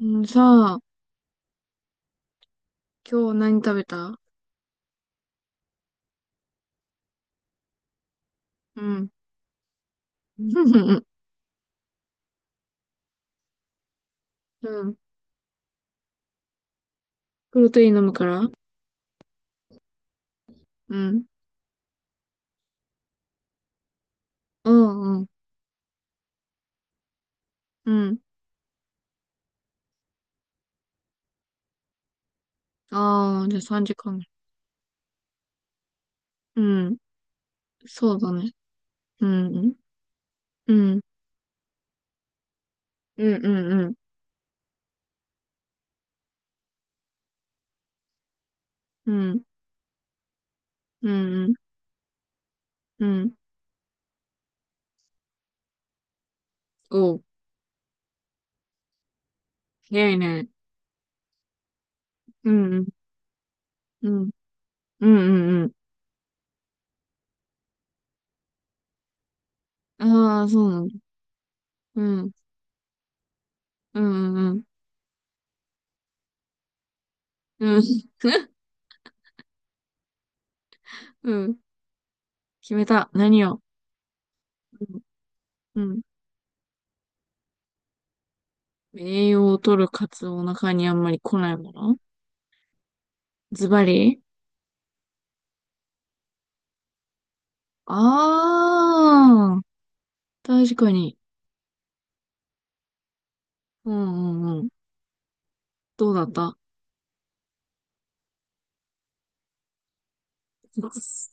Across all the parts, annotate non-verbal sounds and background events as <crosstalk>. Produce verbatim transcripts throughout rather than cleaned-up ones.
うん、さあ、今日何食べた？うん。<laughs> うん。プロテイン飲むから。うん。うん、うん。うん。ああ、じゃあさんじかん。うん。そうだね。うん、うん。うん、うん、うん。うん、うん、うん。うん、おう、早いね。うん、うん、うん、うん、うん。うん、ああ、そうなんだ。うん、うん、うん、うん。うん。<laughs> うん、決めた。何を。うん。うん、栄養を取るカツオお腹にあんまり来ないもの。ズバリ。ああ、確かに。うんうんうん。どうだった？ <laughs>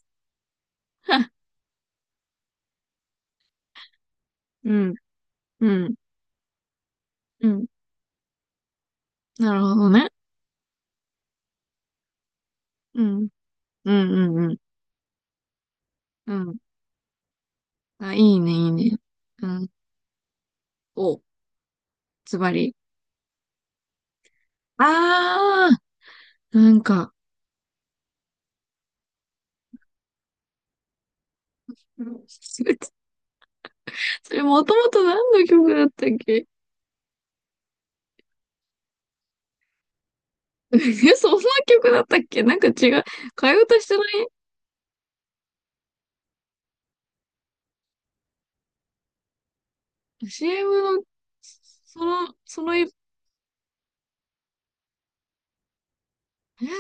うん、うん、うん。なるほどね。うん、うん、うん、うん。うん。あ、いいね、いいね。うん。お、ズバリ。ああ、なんか、<laughs> それもともと何の曲だったっけ？ <laughs> え、そんな曲だったっけ、なんか違う。替え歌してない？ シーエム の、その、その、え、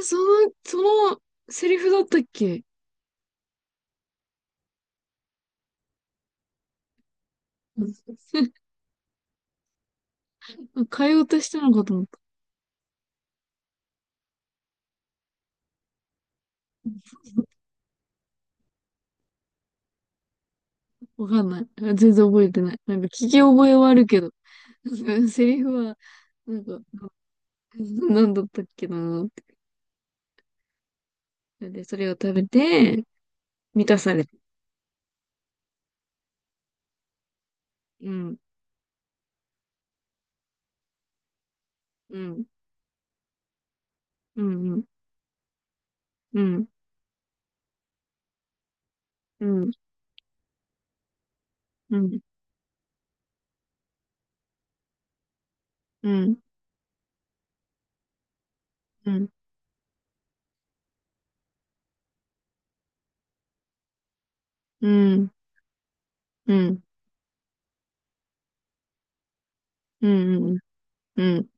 その、そのセリフだったっけ？会話としてなのかと思った。わかんない。全然覚えてない。なんか聞き覚えはあるけど、セリフは、なんかなんだったっけなって。でそれを食べて満たされ。うんうんうんうんうんうんうんうんうんうんうんうんうんうん。うん。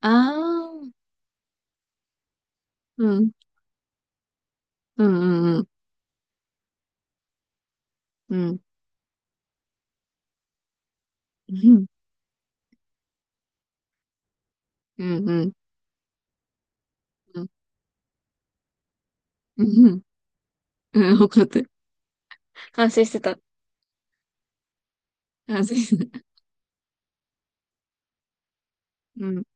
ああ。うんうんうんうんうんうんうんうんうんうん。分かった。汗してた。汗。うん。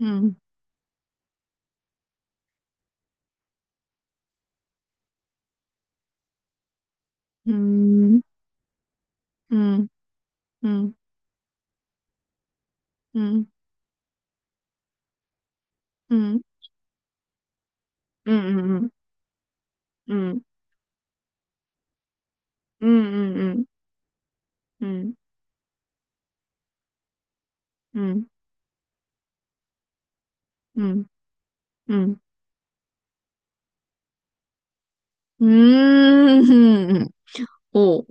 うん、うん、うん、うん、うん、うん、うん、うん、うん、うん、うん、うん、うん、うん、うん、おう。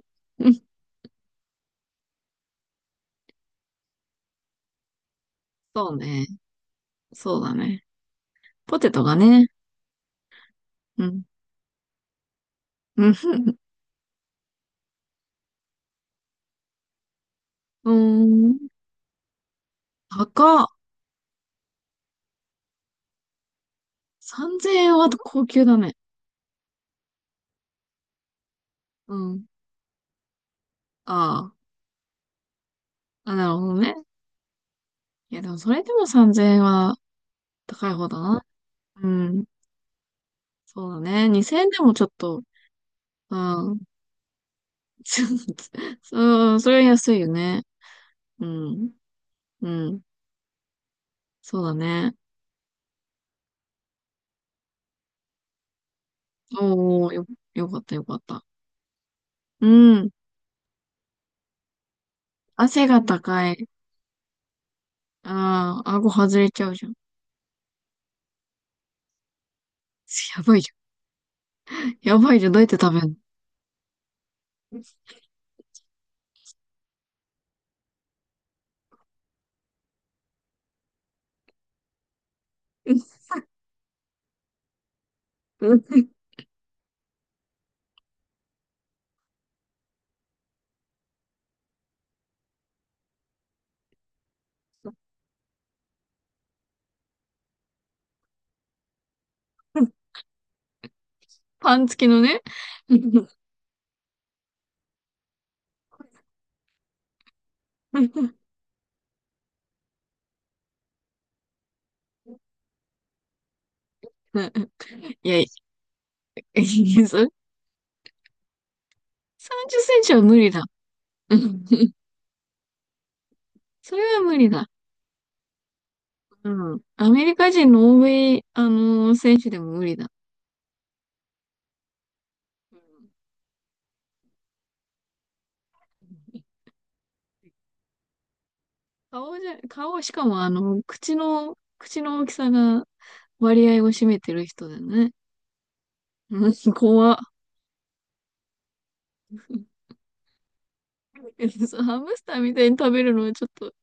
そうね。そうだね。ポテトがね。うん。うん。うーん。高っ。さんぜんえんは高級だね。うん。ああ。あ、なるほどね。いや、でもそれでもさんぜんえんは高い方だな。うん。そうだね。にせんえんでもちょっと、うん。<laughs> そう、そう、それは安いよね。うん。うん。そうだね。おー、よ、よかったよかった。うん。汗が高い。ああ、顎外れちゃうじゃん。やばいじゃん。やばいじゃん。どうやって食べんの？ <laughs> パン付きのね。<laughs> いや、いや、それさんじっセンチは無理だ。<laughs> それは無理だ。うん。アメリカ人の欧米、あのー選手でも無理だ。うん、顔じゃ、顔、しかもあの、口の、口の大きさが割合を占めてる人だね。うん、怖っ。<laughs> そうハムスターみたいに食べるのはちょっと、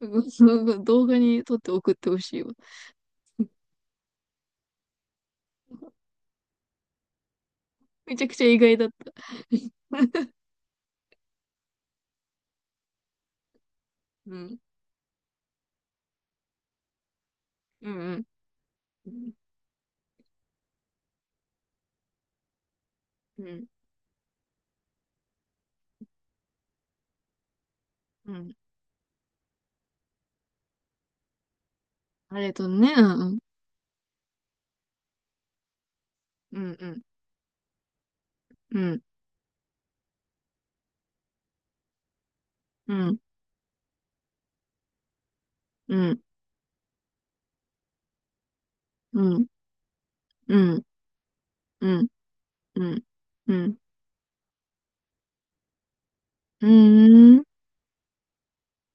うん動画に撮って送ってほしいわ。めちゃくちゃ意外だった。うん。うん、うん。うん、うん。あれとね、うん、うん、うん、うん、うん、うん、うん、うん、うん、うん、うん、うん。うん、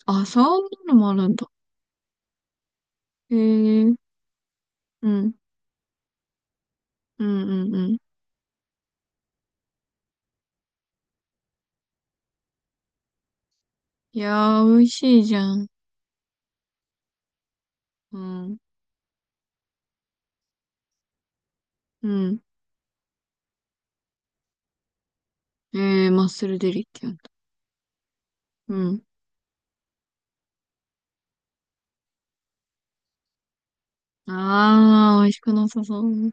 あ、そんなのもあるんだ。へえ、うん、うん、うん、うん。いやー、美味しいじゃん。うん。うん。えー、マッスルデリって言うんだ。うん。あー、美味しくなさそう。うん。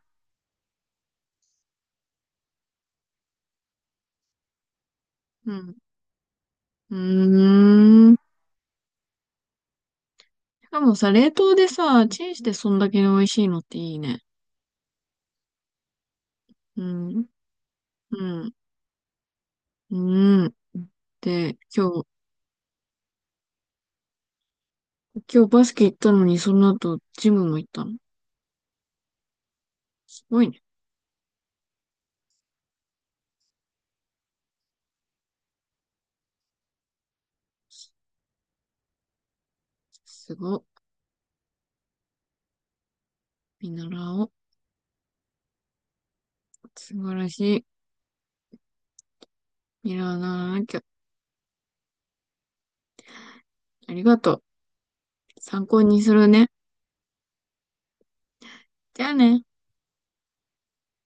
うーん。しかもさ、冷凍でさ、チンしてそんだけ美味しいのっていいね。うん。うん。うん。で、今日、今日バスケ行ったのに、その後、ジムも行ったの。すごいね。すご。見習おう。素晴らしい。見習わなきゃ。ありがとう。参考にするね。じゃあね。